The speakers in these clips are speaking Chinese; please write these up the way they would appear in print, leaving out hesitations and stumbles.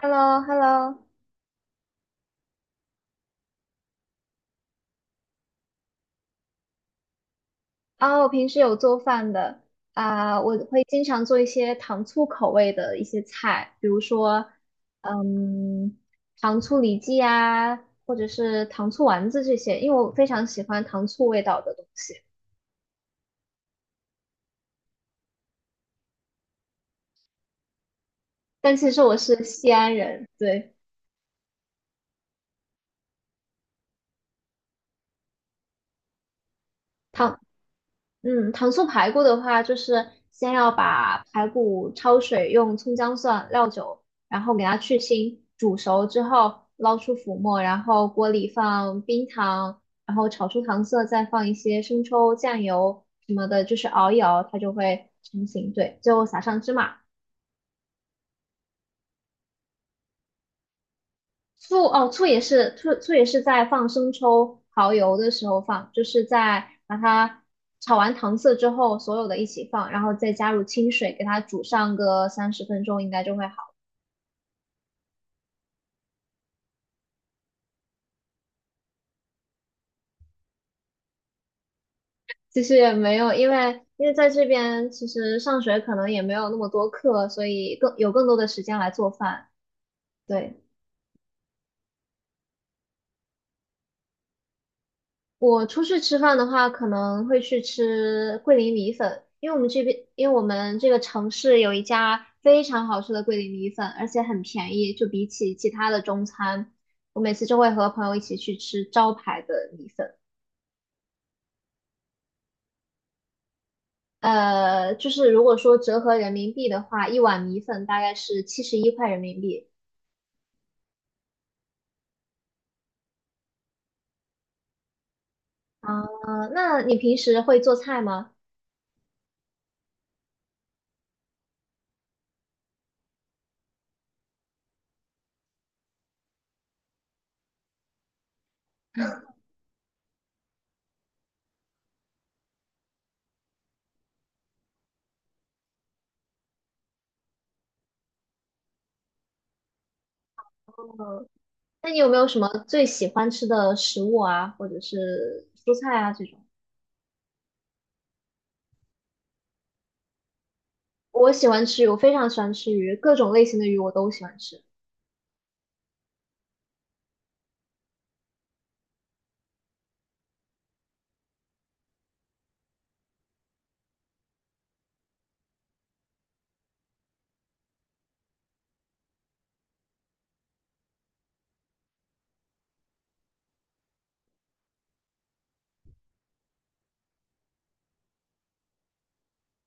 h e l l o h e l l o 啊，我平时有做饭的。啊，我会经常做一些糖醋口味的一些菜，比如说，嗯，糖醋里脊啊，或者是糖醋丸子这些，因为我非常喜欢糖醋味道的东西。但其实我是西安人，对，糖糖醋排骨的话，就是先要把排骨焯水，用葱姜蒜、料酒，然后给它去腥，煮熟之后捞出浮沫，然后锅里放冰糖，然后炒出糖色，再放一些生抽、酱油什么的，就是熬一熬，它就会成型。对，最后撒上芝麻，醋也是在放生抽、蚝油的时候放，就是在把它炒完糖色之后，所有的一起放，然后再加入清水，给它煮上个30分钟，应该就会好。其实也没有，因为在这边其实上学可能也没有那么多课，所以更有更多的时间来做饭。对。我出去吃饭的话，可能会去吃桂林米粉，因为我们这边，因为我们这个城市有一家非常好吃的桂林米粉，而且很便宜，就比起其他的中餐，我每次就会和朋友一起去吃招牌的米粉。就是如果说折合人民币的话，一碗米粉大概是71块人民币。啊，那你平时会做菜吗？嗯，那你有没有什么最喜欢吃的食物啊，或者是蔬菜啊这种？我喜欢吃鱼，我非常喜欢吃鱼，各种类型的鱼我都喜欢吃。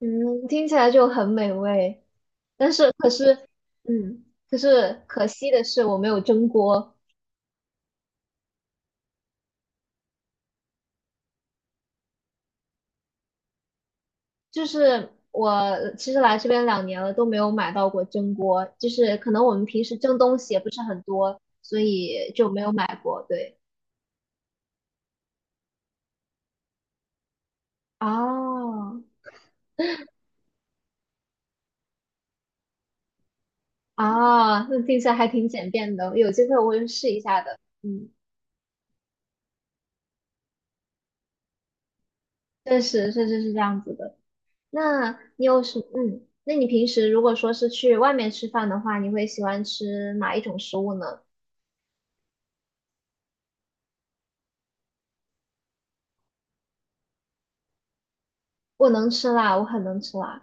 嗯，听起来就很美味，但是可是，嗯，可是可惜的是我没有蒸锅，就是我其实来这边两年了都没有买到过蒸锅，就是可能我们平时蒸东西也不是很多，所以就没有买过。对，啊啊，那听起来还挺简便的，有机会我会试一下的。嗯，确实，确实是这样子的。那你有什嗯？那你平时如果说是去外面吃饭的话，你会喜欢吃哪一种食物呢？我能吃辣，我很能吃辣。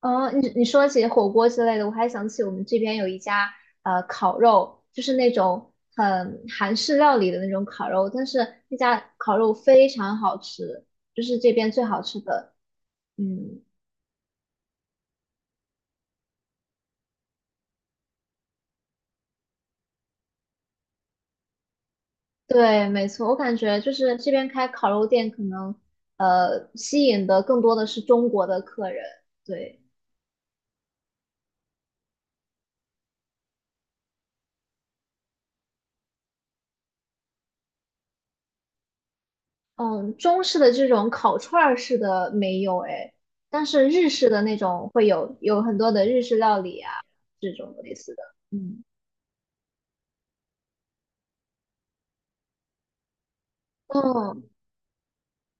哦，你说起火锅之类的，我还想起我们这边有一家烤肉，就是那种很韩式料理的那种烤肉，但是那家烤肉非常好吃，就是这边最好吃的。嗯，对，没错，我感觉就是这边开烤肉店可能吸引的更多的是中国的客人，对。嗯，中式的这种烤串儿式的没有哎，但是日式的那种会有，有很多的日式料理啊，这种类似的。嗯，嗯，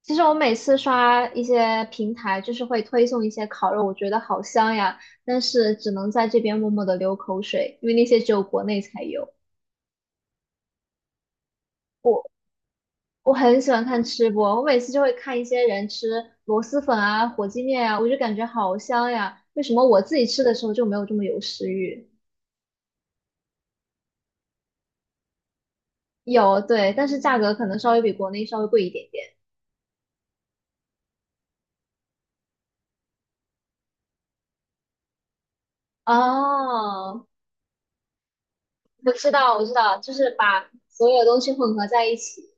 其实我每次刷一些平台，就是会推送一些烤肉，我觉得好香呀，但是只能在这边默默的流口水，因为那些只有国内才有。我我很喜欢看吃播，我每次就会看一些人吃螺蛳粉啊、火鸡面啊，我就感觉好香呀，为什么我自己吃的时候就没有这么有食欲？有，对，但是价格可能稍微比国内稍微贵一点点。哦，我知道，我知道，就是把所有东西混合在一起。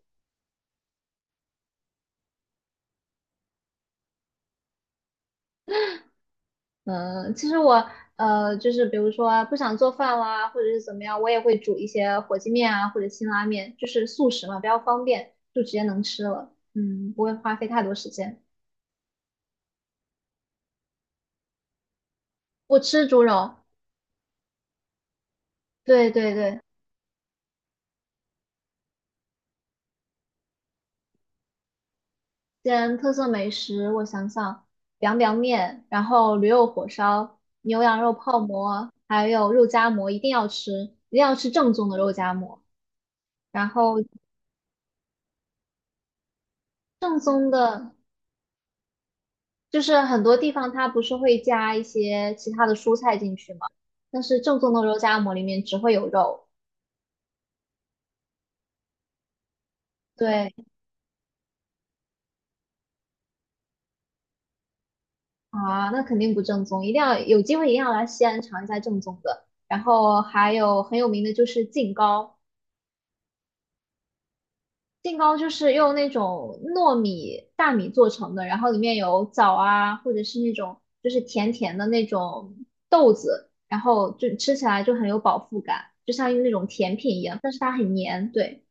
嗯，其实我就是比如说不想做饭啦，或者是怎么样，我也会煮一些火鸡面啊，或者辛拉面，就是速食嘛，比较方便，就直接能吃了。嗯，不会花费太多时间。我吃猪肉，对对对，西安特色美食，我想想，凉凉面，然后驴肉火烧、牛羊肉泡馍，还有肉夹馍，一定要吃，一定要吃正宗的肉夹馍。然后正宗的，就是很多地方它不是会加一些其他的蔬菜进去吗？但是正宗的肉夹馍里面只会有肉。对啊，那肯定不正宗，一定要有机会一定要来西安尝一下正宗的。然后还有很有名的就是晋糕，杏糕就是用那种糯米大米做成的，然后里面有枣啊，或者是那种就是甜甜的那种豆子，然后就吃起来就很有饱腹感，就像用那种甜品一样，但是它很黏。对，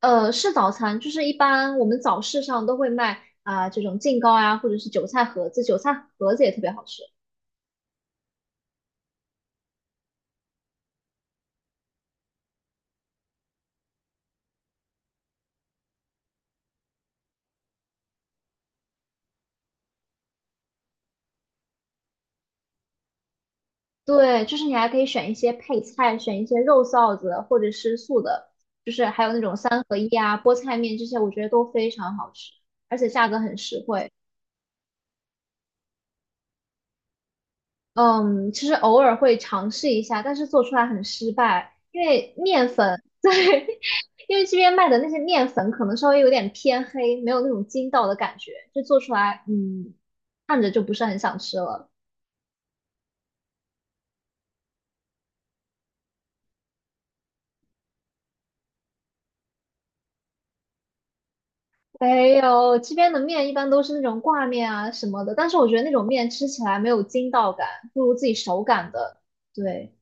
是早餐，就是一般我们早市上都会卖啊、这种杏糕啊，或者是韭菜盒子，韭菜盒子也特别好吃。对，就是你还可以选一些配菜，选一些肉臊子或者是素的，就是还有那种三合一啊、菠菜面这些，我觉得都非常好吃，而且价格很实惠。嗯，其实偶尔会尝试一下，但是做出来很失败，因为面粉，对，因为这边卖的那些面粉可能稍微有点偏黑，没有那种筋道的感觉，就做出来，嗯，看着就不是很想吃了。没有，这边的面一般都是那种挂面啊什么的，但是我觉得那种面吃起来没有筋道感，不如自己手擀的。对，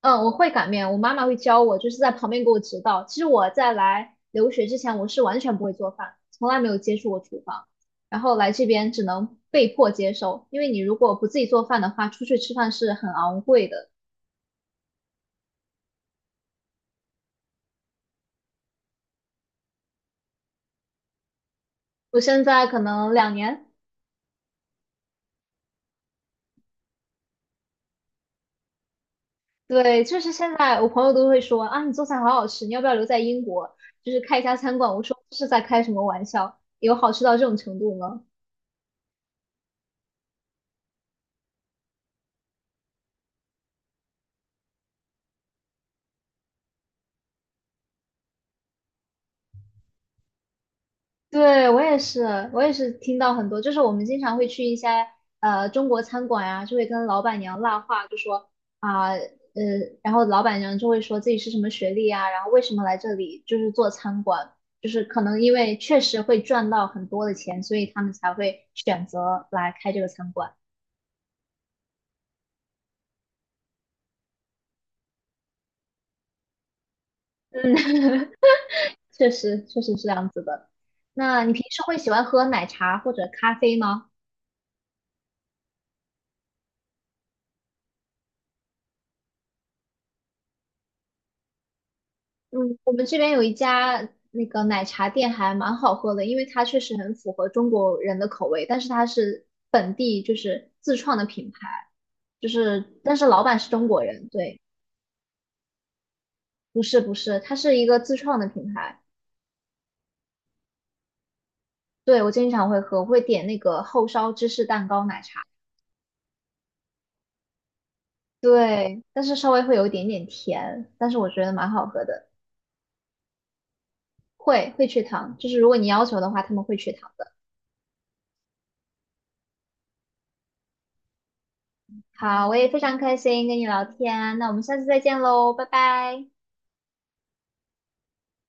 嗯，我会擀面，我妈妈会教我，就是在旁边给我指导。其实我在来留学之前，我是完全不会做饭，从来没有接触过厨房，然后来这边只能被迫接受，因为你如果不自己做饭的话，出去吃饭是很昂贵的。我现在可能两年。对，就是现在我朋友都会说啊，你做菜好好吃，你要不要留在英国，就是开一家餐馆？我说这是在开什么玩笑？有好吃到这种程度吗？对，我也是，我也是听到很多，就是我们经常会去一些中国餐馆啊，就会跟老板娘拉话，就说啊呃，然后老板娘就会说自己是什么学历啊，然后为什么来这里就是做餐馆，就是可能因为确实会赚到很多的钱，所以他们才会选择来开这个餐馆。确实确实是这样子的。那你平时会喜欢喝奶茶或者咖啡吗？嗯，我们这边有一家那个奶茶店还蛮好喝的，因为它确实很符合中国人的口味，但是它是本地就是自创的品牌，就是但是老板是中国人，对，不是不是，它是一个自创的品牌。对，我经常会喝，我会点那个厚烧芝士蛋糕奶茶，对，但是稍微会有一点点甜，但是我觉得蛮好喝的。会会去糖，就是如果你要求的话，他们会去糖的。好，我也非常开心跟你聊天，那我们下次再见喽，拜拜。